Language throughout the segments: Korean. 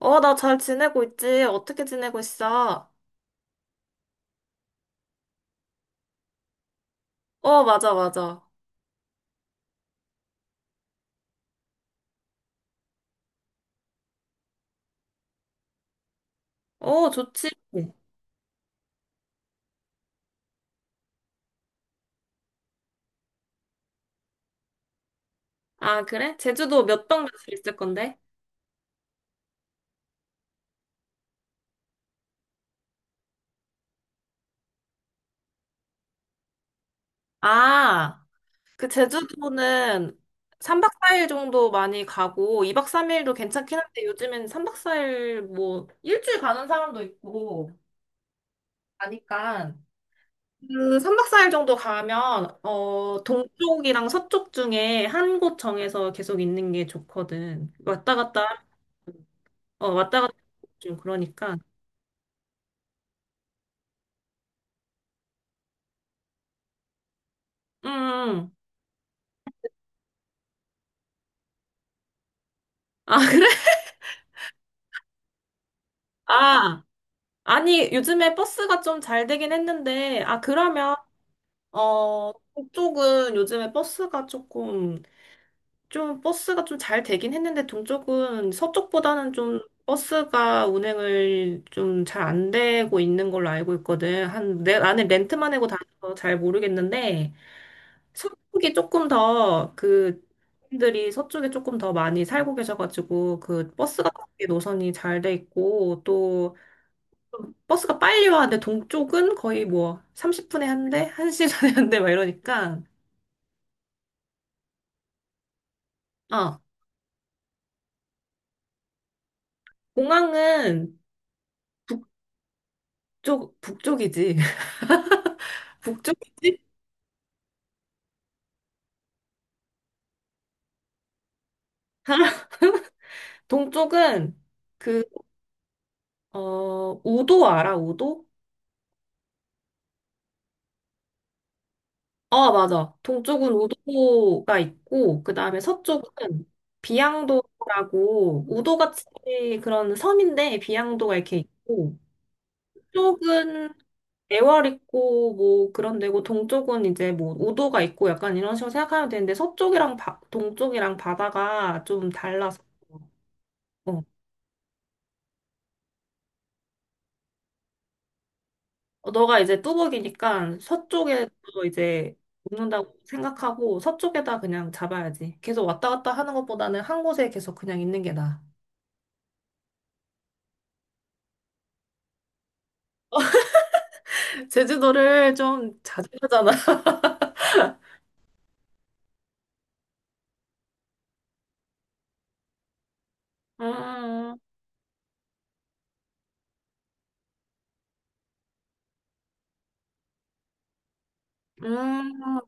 어, 나 잘 지내고 있지. 어떻게 지내고 있어? 어, 맞아, 맞아. 어, 좋지. 아, 그래? 제주도 몇박 며칠 있을 건데? 아, 그 제주도는 3박 4일 정도 많이 가고, 2박 3일도 괜찮긴 한데, 요즘엔 3박 4일 뭐, 일주일 가는 사람도 있고, 하니까. 그 3박 4일 정도 가면, 동쪽이랑 서쪽 중에 한 곳 정해서 계속 있는 게 좋거든. 왔다 갔다. 하면. 어, 왔다 갔다 좀 그러니까. 응, 응. 응. 아, 그래? 아, 아니, 요즘에 버스가 좀 잘 되긴 했는데, 아, 그러면, 어, 동쪽은 요즘에 버스가 조금, 좀 버스가 좀 잘 되긴 했는데, 동쪽은 서쪽보다는 좀 버스가 운행을 좀 잘 안 되고 있는 걸로 알고 있거든. 나는 렌트만 하고 다녀서 잘 모르겠는데, 서쪽이 조금 더 그 분들이 서쪽에 조금 더 많이 살고 계셔가지고 그 버스 같은 게 노선이 잘 돼 있고 또 버스가 빨리 와는데 동쪽은 거의 뭐 30분에 한 대, 1시간에 한대 막 이러니까. 아, 공항은 북쪽 북쪽이지. 북쪽이지. 동쪽은 그 우도 알아, 우도? 어, 맞아. 동쪽은 우도가 있고, 그 다음에 서쪽은 비양도라고, 우도같이 그런 섬인데, 비양도가 이렇게 있고, 쪽은 애월 있고, 뭐 그런 데고, 동쪽은 이제 뭐 우도가 있고, 약간 이런 식으로 생각하면 되는데, 서쪽이랑 동쪽이랑 바다가 좀 달라서, 어. 어, 너가 이제 뚜벅이니까 서쪽에서 이제 묵는다고 생각하고, 서쪽에다 그냥 잡아야지. 계속 왔다 갔다 하는 것보다는 한 곳에 계속 그냥 있는 게 나아. 제주도를 좀 자주 가잖아. 음, 음,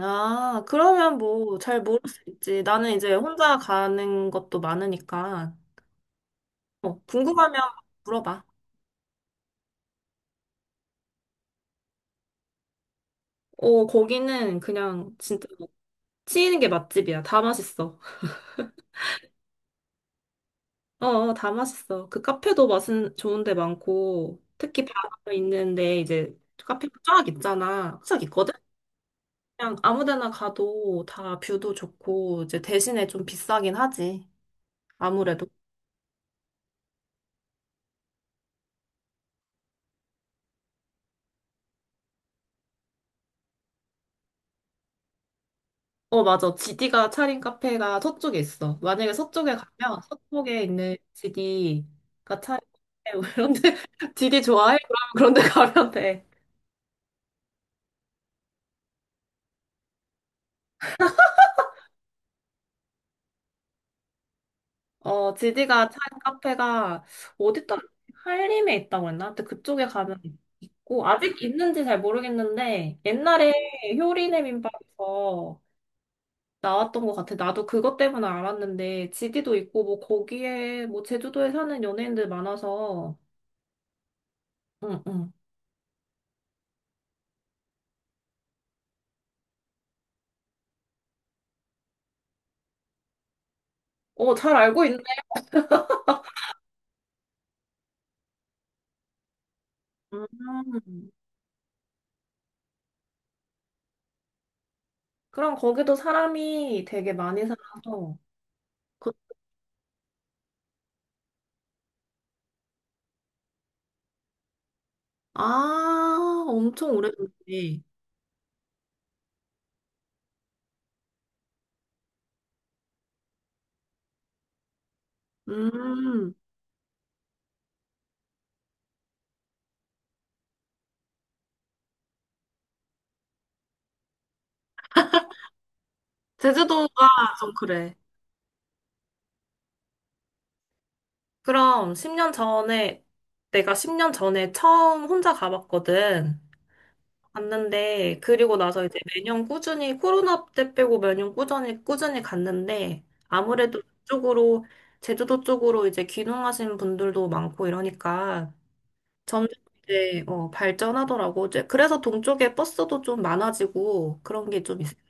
아, 그러면 뭐 잘 모를 수 있지. 나는 이제 혼자 가는 것도 많으니까. 어, 궁금하면 물어봐. 어, 거기는 그냥 진짜 치이는 게 맛집이야. 다 맛있어. 어, 어, 다 맛있어. 그 카페도 맛은 좋은 데 많고, 특히 바로 있는데 이제 카페가 쫙 있잖아. 쫙 있거든? 그냥 아무 데나 가도 다 뷰도 좋고, 이제 대신에 좀 비싸긴 하지. 아무래도. 어, 맞아. 지디가 차린 카페가 서쪽에 있어. 만약에 서쪽에 가면 서쪽에 있는 지디가 차린 카페, 그런데 지디 좋아해? 그럼 그런데 가면 돼. 어, 지디가 차린 카페가 어디다, 한림에 있다고 했나? 근데 그쪽에 가면 있고, 아직 있는지 잘 모르겠는데, 옛날에 효리네 민박에서 나왔던 것 같아. 나도 그것 때문에 알았는데, 지디도 있고, 뭐, 거기에, 뭐, 제주도에 사는 연예인들 많아서, 응, 응. 어, 잘 알고 있네. 음. 그럼 거기도 사람이 되게 많이 살아서. 그- 아, 엄청 오래됐네. 음, 제주도가 좀 그래. 그럼 10년 전에, 내가 10년 전에 처음 혼자 가봤거든. 갔는데, 그리고 나서 이제 매년 꾸준히, 코로나 때 빼고 매년 꾸준히, 갔는데, 아무래도 그쪽으로, 제주도 쪽으로 이제 귀농하신 분들도 많고 이러니까, 점점 이제 발전하더라고. 이제 그래서 동쪽에 버스도 좀 많아지고 그런 게 좀 있어요.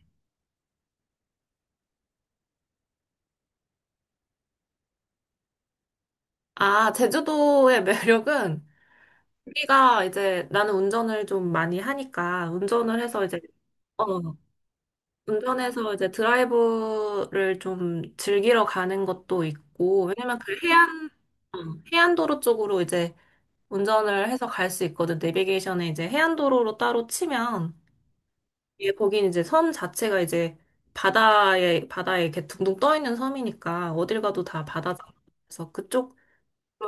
아, 제주도의 매력은 우리가 이제 나는 운전을 좀 많이 하니까 운전을 해서 이제 어, 운전해서 이제 드라이브를 좀 즐기러 가는 것도 있고 왜냐면 어, 해안도로 쪽으로 이제 운전을 해서 갈 수 있거든. 내비게이션에 이제 해안도로로 따로 치면 예, 거긴 이제 섬 자체가 이제 바다에 이렇게 둥둥 떠 있는 섬이니까 어딜 가도 다 바다잖아. 그래서 그쪽으로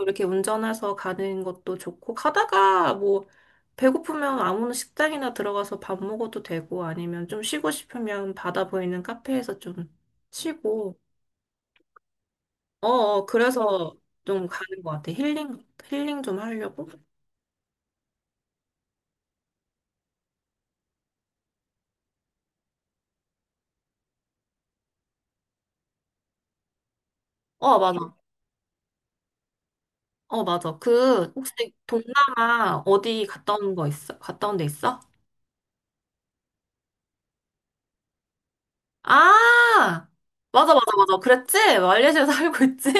이렇게 운전해서 가는 것도 좋고, 가다가 뭐, 배고프면 아무나 식당이나 들어가서 밥 먹어도 되고, 아니면 좀 쉬고 싶으면 바다 보이는 카페에서 좀 쉬고, 어, 어, 그래서 좀 가는 것 같아. 힐링, 힐링 좀 하려고. 어, 맞아. 어, 맞아. 그, 혹시 동남아 어디 갔다 온 거 있어? 갔다 온 데 있어? 아! 맞아, 맞아, 맞아. 그랬지? 말레이시아 살고 있지?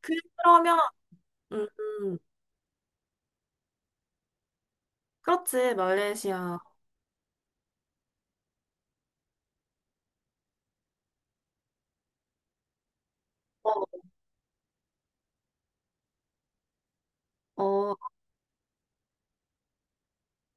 그러면, 음, 음. 그렇지, 말레이시아. 어, 어.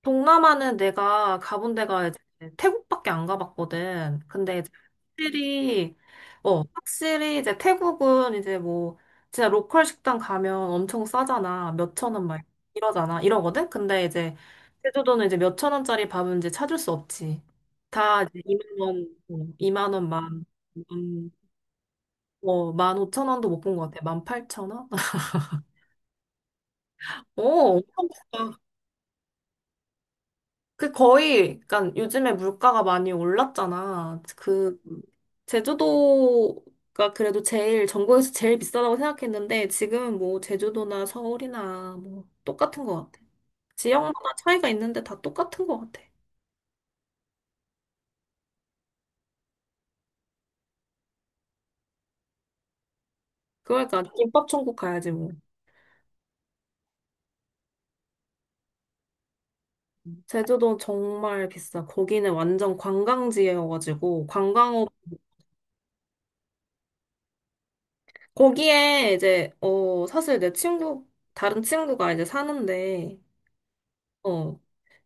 동남아는 내가 가본 데가 이제 태국밖에 안 가봤거든. 근데 이제 확실히, 확실히 이제 태국은 이제 뭐, 진짜 로컬 식당 가면 엄청 싸잖아. 몇 천 원 막 이러잖아. 이러거든? 근데 이제 제주도는 이제 몇 천 원짜리 밥은 이제 찾을 수 없지. 다 이제 2만 원, 2만 원, 만, 음, 만 오천 원도 못 본 것 같아. 18,000원? 어, 엄청 비싸. 그러니까 요즘에 물가가 많이 올랐잖아. 그 제주도가 그래도 제일 전국에서 제일 비싸다고 생각했는데 지금은 뭐 제주도나 서울이나 뭐 똑같은 것 같아. 지역마다 차이가 있는데 다 똑같은 것 같아. 그러니까 김밥 천국 가야지 뭐. 제주도 정말 비싸. 거기는 완전 관광지여가지고 관광업. 거기에 이제 사실 내 친구 다른 친구가 이제 사는데. 어,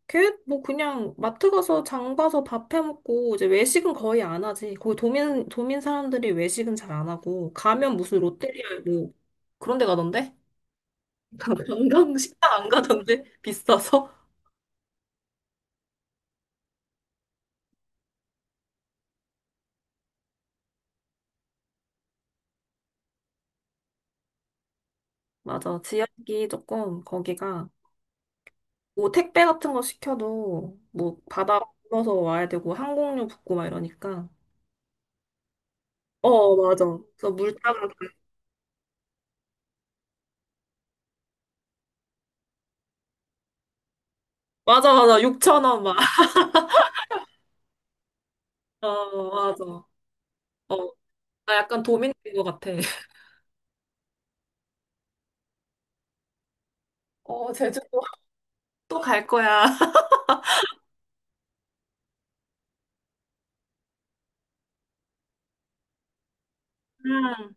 걔 뭐 그냥 마트 가서 장 봐서 밥 해 먹고 이제 외식은 거의 안 하지. 거기 도민 사람들이 외식은 잘 안 하고 가면 무슨 롯데리아 뭐 그런 데 가던데? 관광 식당 안 가던데 비싸서? 맞아. 지역이 조금 거기가 뭐 택배 같은 거 시켜도 뭐 바다 불너서 와야 되고 항공료 붙고 막 이러니까. 어, 맞아. 그래서 물타기 맞아, 맞아, 6천 원 막. 어, 맞아. 어, 나 약간 도민인 것 같아. 어, 제주도 또 갈 거야. 음.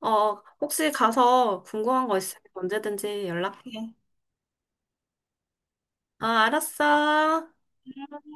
어, 혹시 가서 궁금한 거 있으면 언제든지 연락해. 어, 알았어. 응.